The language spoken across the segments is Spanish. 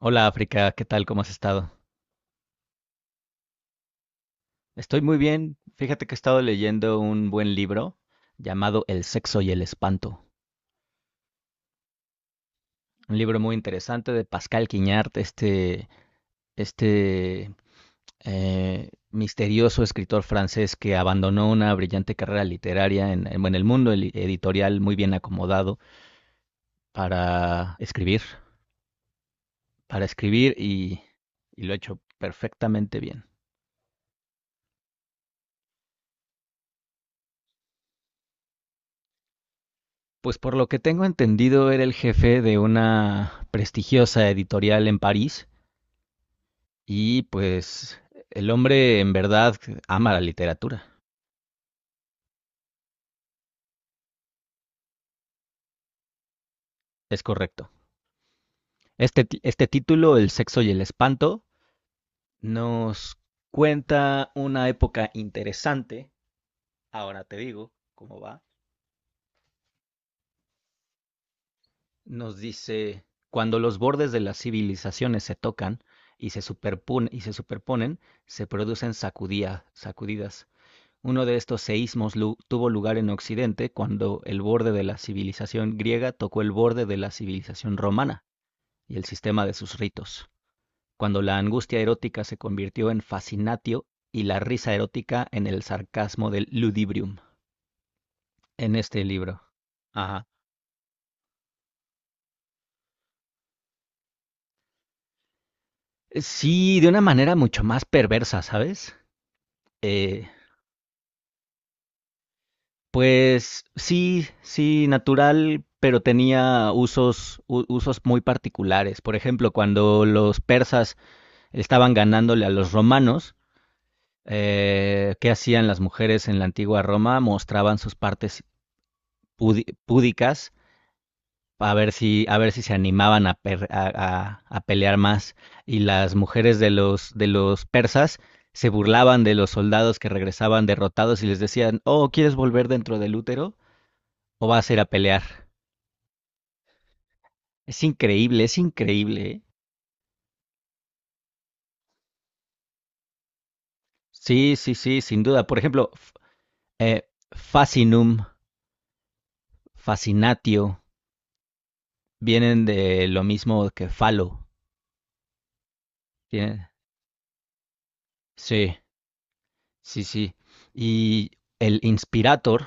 Hola África, ¿qué tal? ¿Cómo has estado? Estoy muy bien. Fíjate que he estado leyendo un buen libro llamado El sexo y el espanto. Un libro muy interesante de Pascal Quignard, este misterioso escritor francés que abandonó una brillante carrera literaria bueno, en el mundo editorial muy bien acomodado para escribir, para escribir y, y lo ha hecho perfectamente bien. Pues por lo que tengo entendido, era el jefe de una prestigiosa editorial en París y pues el hombre en verdad ama la literatura, es correcto. Este título, El sexo y el espanto, nos cuenta una época interesante, ahora te digo cómo va, nos dice, cuando los bordes de las civilizaciones se tocan y se superponen, superponen, se producen sacudidas. Uno de estos seísmos tuvo lugar en Occidente cuando el borde de la civilización griega tocó el borde de la civilización romana y el sistema de sus ritos, cuando la angustia erótica se convirtió en fascinatio y la risa erótica en el sarcasmo del ludibrium, en este libro. Ajá. Sí, de una manera mucho más perversa, ¿sabes? Eh, pues sí, sí, natural, pero tenía usos muy particulares. Por ejemplo, cuando los persas estaban ganándole a los romanos. ¿Qué hacían las mujeres en la antigua Roma? Mostraban sus partes púdicas a ver si se animaban a, per, a, pelear más. Y las mujeres de de los persas se burlaban de los soldados que regresaban derrotados y les decían, oh, ¿quieres volver dentro del útero o vas a ir a pelear? Es increíble, es increíble, ¿eh? Sí, sí, sí, sin duda. Por ejemplo, fascinum, fascinatio, vienen de lo mismo que falo. Tienen- Sí, sí, sí. Y el inspirator,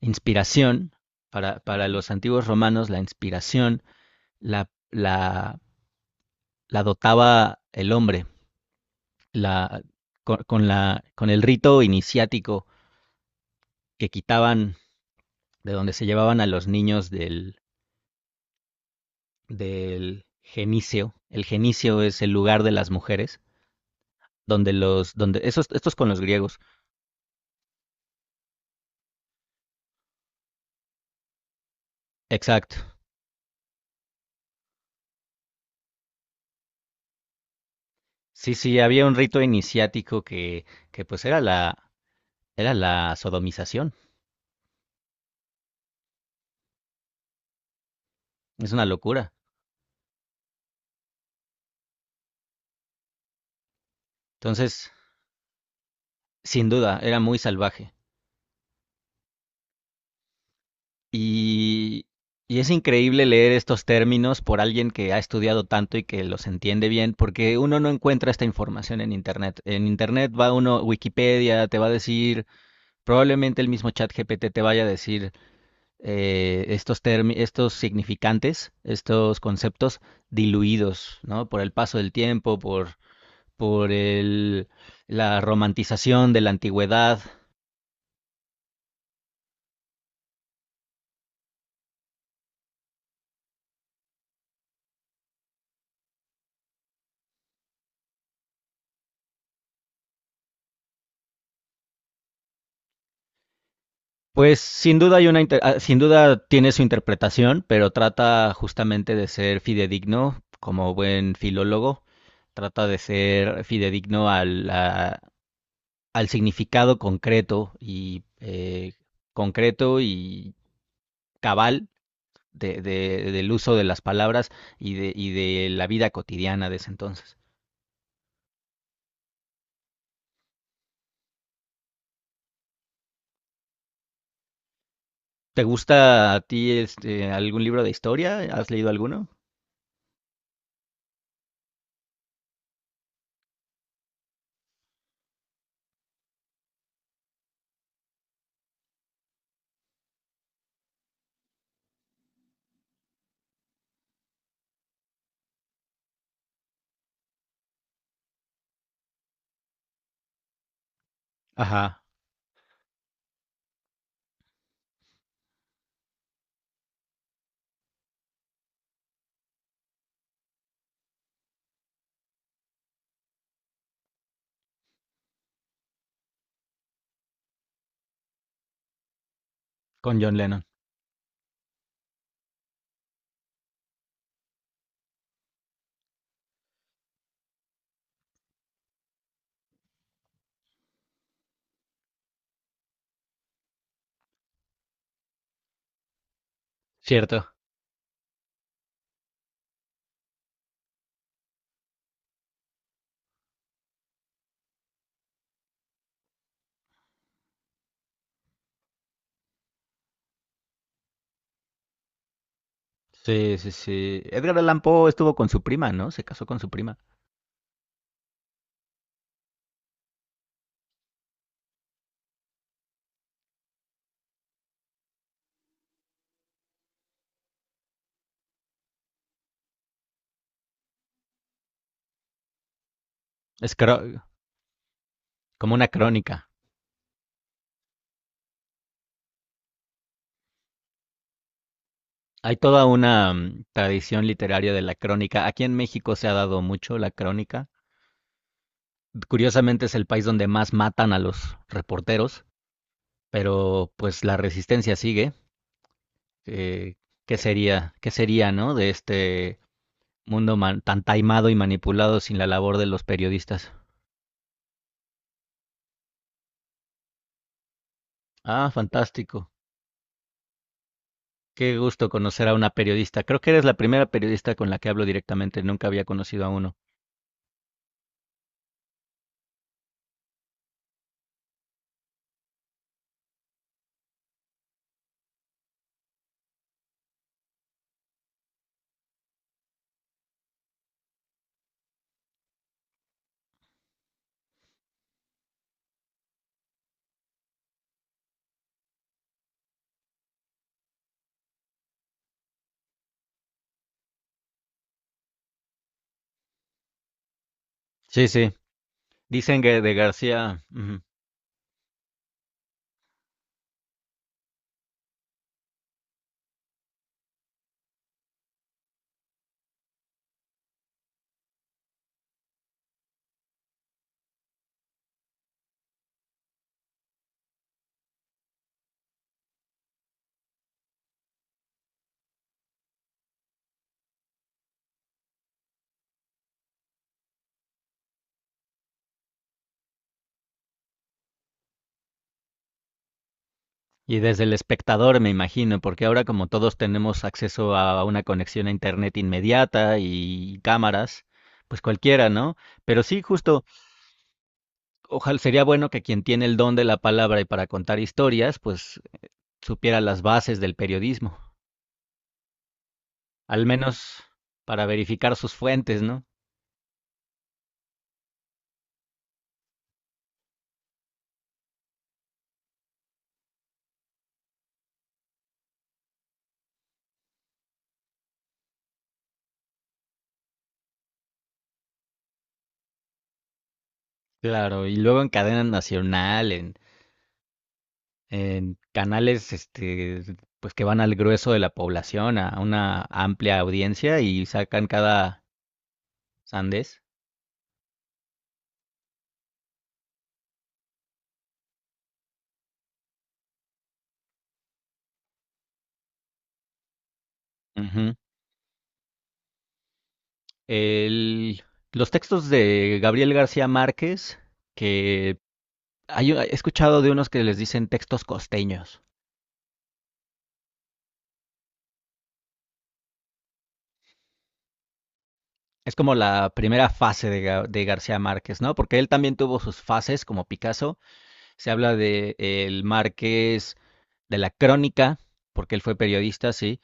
inspiración, para los antiguos romanos, la inspiración la, la, la dotaba el hombre, la, con la, con el rito iniciático que quitaban de donde se llevaban a los niños del genicio. El genicio es el lugar de las mujeres, donde estos con los griegos. Exacto. Sí, sí, había un rito iniciático que pues era la sodomización. Es una locura. Entonces, sin duda, era muy salvaje. Y, y es increíble leer estos términos por alguien que ha estudiado tanto y que los entiende bien, porque uno no encuentra esta información en Internet. En Internet va uno, Wikipedia te va a decir, probablemente el mismo chat GPT te vaya a decir, estos significantes, estos conceptos diluidos, ¿no? Por el paso del tiempo, por la romantización de la antigüedad. Pues sin duda hay una sin duda tiene su interpretación, pero trata justamente de ser fidedigno como buen filólogo, trata de ser fidedigno al significado concreto y cabal del uso de las palabras y y de la vida cotidiana de ese entonces. ¿Te gusta a ti este, algún libro de historia? ¿Has leído alguno? Ajá, con John Lennon. Cierto. Sí, sí, sí. Edgar Allan Poe estuvo con su prima, ¿no? Se casó con su prima. Es cro- Como una crónica. Hay toda una mm, tradición literaria de la crónica. Aquí en México se ha dado mucho la crónica. Curiosamente es el país donde más matan a los reporteros, pero pues la resistencia sigue. eh, ¿Qué sería, qué sería, ¿no? De este mundo tan taimado y manipulado sin la labor de los periodistas. Ah, fantástico. Qué gusto conocer a una periodista. Creo que eres la primera periodista con la que hablo directamente. Nunca había conocido a uno. Sí, sí. Dicen que de García. Ujú. Y desde el espectador, me imagino, porque ahora como todos tenemos acceso a una conexión a internet inmediata y cámaras, pues cualquiera, ¿no? Pero sí, justo ojalá sería bueno que quien tiene el don de la palabra y para contar historias, pues supiera las bases del periodismo, al menos para verificar sus fuentes, ¿no? Claro, y luego en cadena nacional, en canales este, pues que van al grueso de la población, a una amplia audiencia y sacan cada sandés. Ujú. El- los textos de Gabriel García Márquez, que he escuchado de unos que les dicen textos costeños. Es como la primera fase de, de García Márquez, ¿no? Porque él también tuvo sus fases, como Picasso. Se habla de el Márquez de la Crónica, porque él fue periodista, sí.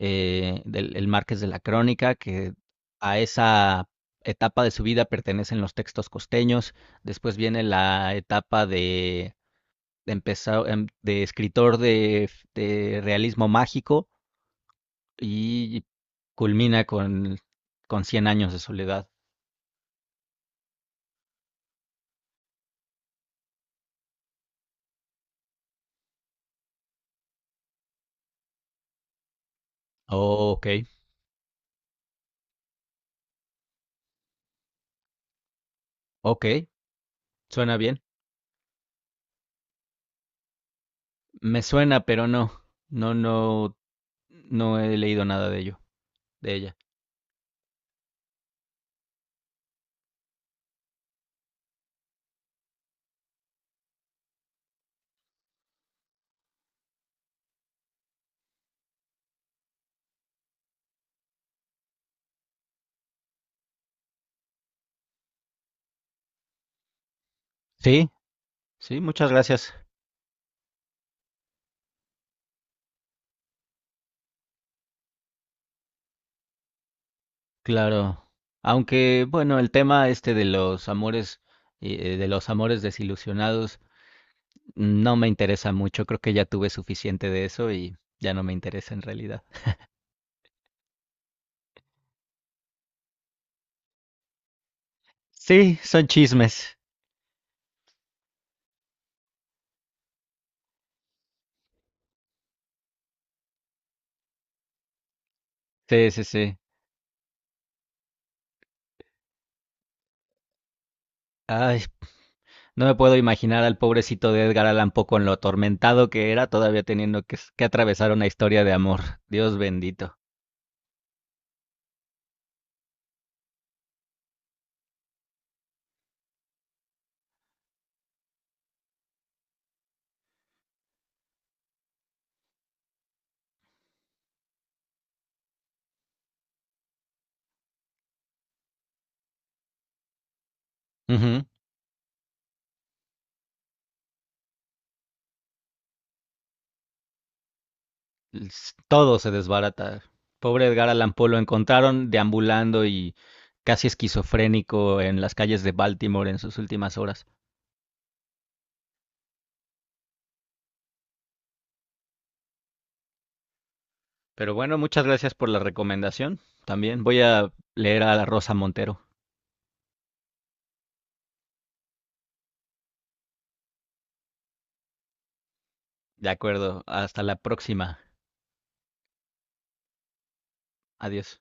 Del el Márquez de la Crónica, que a esa etapa de su vida pertenecen los textos costeños. Después viene la etapa de empezar em, de escritor de realismo mágico y culmina con Cien años de soledad. Oh, ok. Ok, suena bien. Me suena, pero no, no he leído nada de ello, de ella. Sí, sí, muchas gracias. Claro. Aunque, bueno, el tema este de los amores desilusionados, no me interesa mucho. Creo que ya tuve suficiente de eso y ya no me interesa en realidad. Sí, son chismes. Sí, sí, sí. Ay, no me puedo imaginar al pobrecito de Edgar Allan Poe con lo atormentado que era, todavía teniendo que atravesar una historia de amor. Dios bendito. Ujú. Todo se desbarata. Pobre Edgar Allan Poe lo encontraron deambulando y casi esquizofrénico en las calles de Baltimore en sus últimas horas. Pero bueno, muchas gracias por la recomendación. También voy a leer a la Rosa Montero. De acuerdo, hasta la próxima. Adiós.